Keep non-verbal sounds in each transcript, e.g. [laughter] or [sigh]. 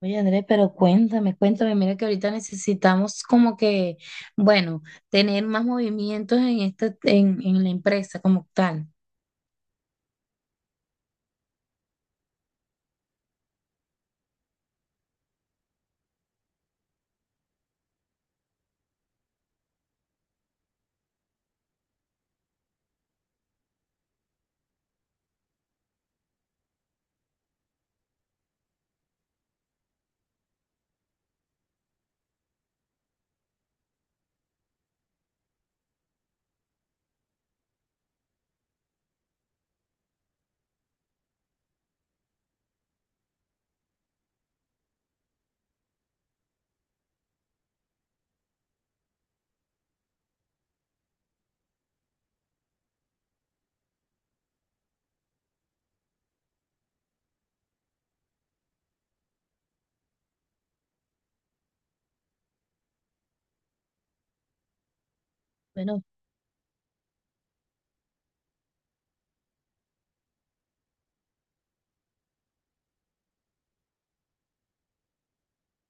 Oye, Andrés, pero cuéntame, mira que ahorita necesitamos como que, bueno, tener más movimientos en la empresa como tal. Bueno,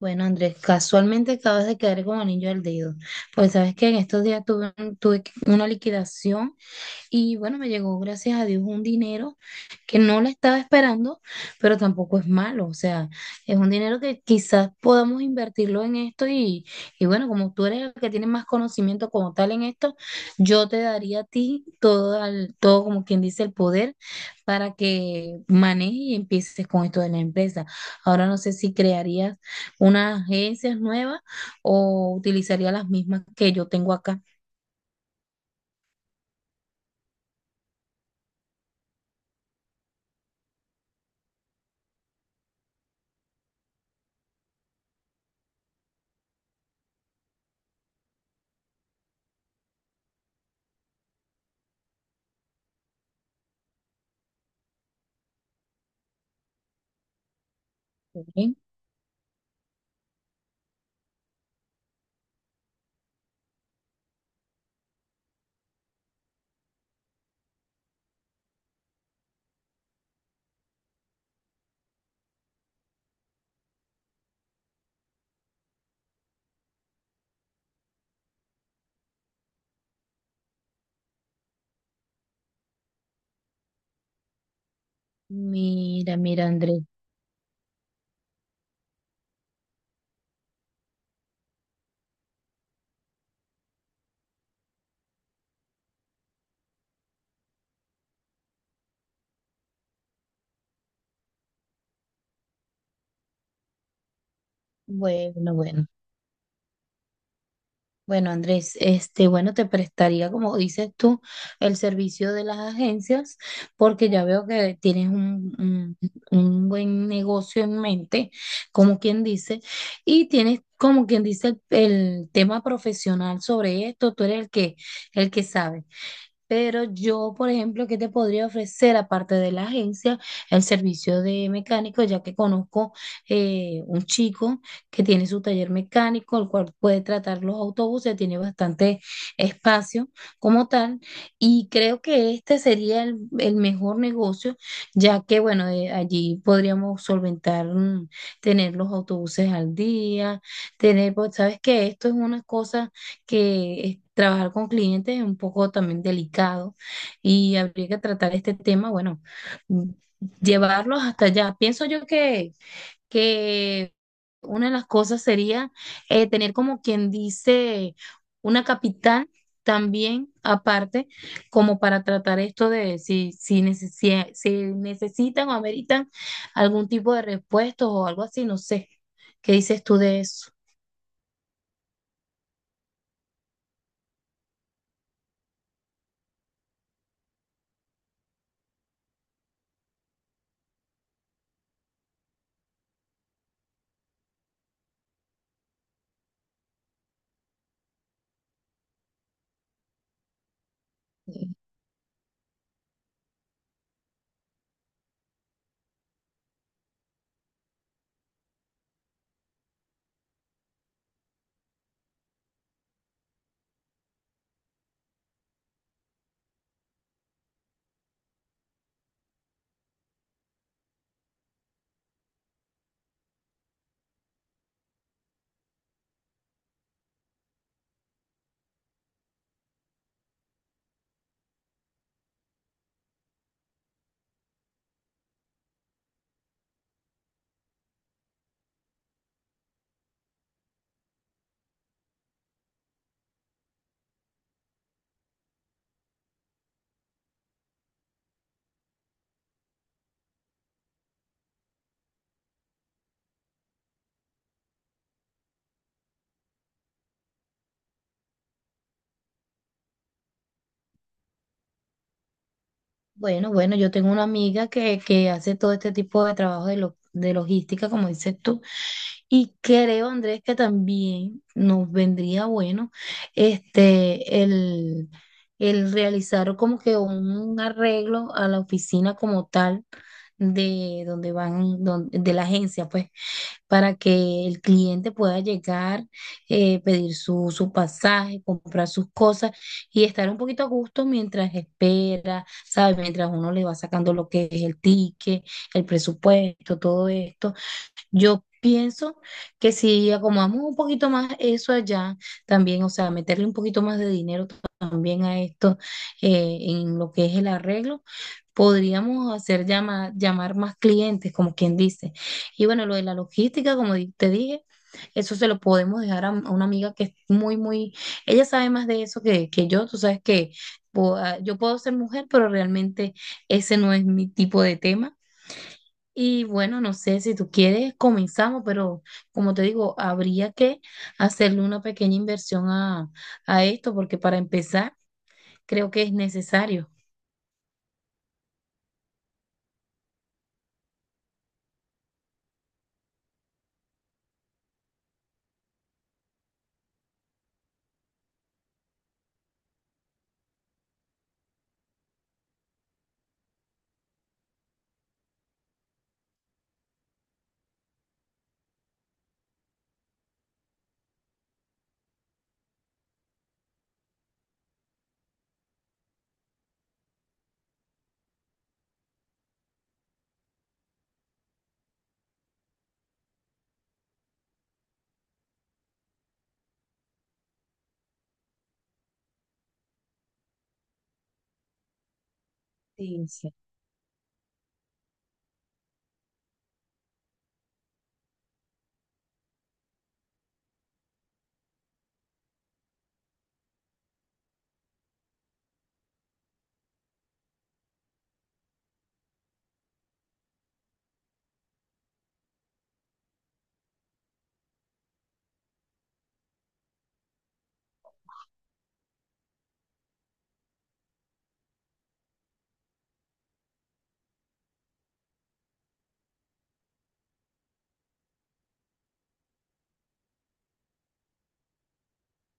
bueno, Andrés, casualmente acabas de quedar como anillo al dedo. Pues sabes que en estos días tuve, un- tuve que- una liquidación y bueno, me llegó gracias a Dios un dinero que no la estaba esperando, pero tampoco es malo. O sea, es un dinero que quizás podamos invertirlo en esto y bueno, como tú eres el que tiene más conocimiento como tal en esto, yo te daría a ti todo como quien dice el poder para que manejes y empieces con esto de la empresa. Ahora no sé si crearías unas agencias nuevas o utilizarías las mismas que yo tengo acá. Ok. Mira, mira, Andrés. Bueno, bueno. Bueno, Andrés, bueno, te prestaría, como dices tú, el servicio de las agencias, porque ya veo que tienes un buen negocio en mente, como quien dice, y tienes, como quien dice, el tema profesional sobre esto, tú eres el que sabe. Pero yo, por ejemplo, ¿qué te podría ofrecer aparte de la agencia, el servicio de mecánico, ya que conozco un chico que tiene su taller mecánico, el cual puede tratar los autobuses, tiene bastante espacio como tal, y creo que este sería el mejor negocio, ya que, bueno, allí podríamos solventar, tener los autobuses al día, tener, pues, sabes que esto es una cosa que trabajar con clientes es un poco también delicado y habría que tratar este tema, bueno, mm, llevarlos hasta allá. Pienso yo que una de las cosas sería tener como quien dice una capital también aparte como para tratar esto de si necesitan o ameritan algún tipo de repuestos o algo así, no sé. ¿Qué dices tú de eso? Bueno, bueno, yo tengo una amiga que hace todo este tipo de trabajo de logística, como dices tú, y creo, Andrés, que también nos vendría bueno este el, el realizar como que un arreglo a la oficina como tal de de la agencia, pues para que el cliente pueda llegar, pedir su pasaje, comprar sus cosas y estar un poquito a gusto mientras espera, ¿sabes? Mientras uno le va sacando lo que es el ticket, el presupuesto, todo esto yo pienso que si acomodamos un poquito más eso allá, también, o sea, meterle un poquito más de dinero también a esto en lo que es el arreglo, podríamos hacer llamar más clientes, como quien dice. Y bueno, lo de la logística, como te dije, eso se lo podemos dejar a una amiga que es muy, muy, ella sabe más de eso que yo, tú sabes que yo puedo ser mujer, pero realmente ese no es mi tipo de tema. Y bueno, no sé si tú quieres, comenzamos, pero como te digo, habría que hacerle una pequeña inversión a esto, porque para empezar creo que es necesario. Sí, sí.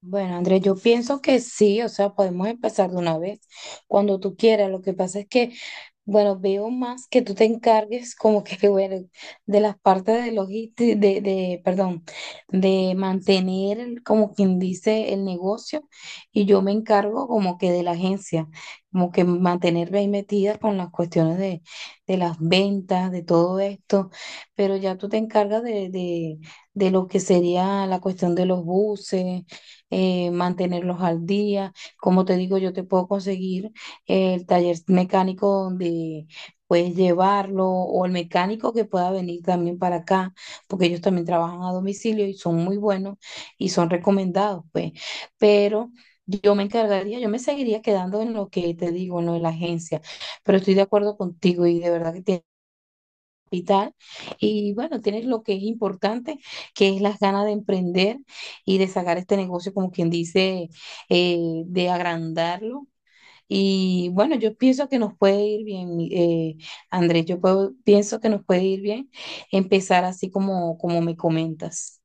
Bueno, Andrés, yo pienso que sí, o sea, podemos empezar de una vez, cuando tú quieras. Lo que pasa es que, bueno, veo más que tú te encargues como que, [laughs] bueno, de las partes de logística, perdón, de mantener, como quien dice, el negocio y yo me encargo como que de la agencia, como que mantenerme ahí metida con las cuestiones de las ventas, de todo esto, pero ya tú te encargas de lo que sería la cuestión de los buses mantenerlos al día. Como te digo, yo te puedo conseguir el taller mecánico donde puedes llevarlo o el mecánico que pueda venir también para acá, porque ellos también trabajan a domicilio y son muy buenos y son recomendados, pues. Pero yo me encargaría, yo me seguiría quedando en lo que te digo, en lo de la agencia, pero estoy de acuerdo contigo y de verdad que tienes hospital. Y bueno, tienes lo que es importante, que es las ganas de emprender y de sacar este negocio, como quien dice, eh, de agrandarlo. Y bueno, yo pienso que nos puede ir bien, Andrés, pienso que nos puede ir bien empezar así como me comentas.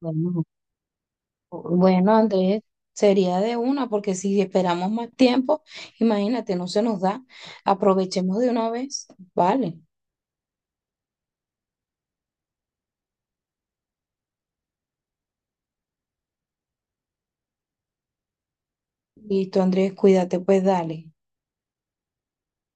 Bueno, Bueno, Andrés, sería de una, porque si esperamos más tiempo, imagínate, no se nos da. Aprovechemos de una vez. Vale. Listo, Andrés, cuídate, pues dale.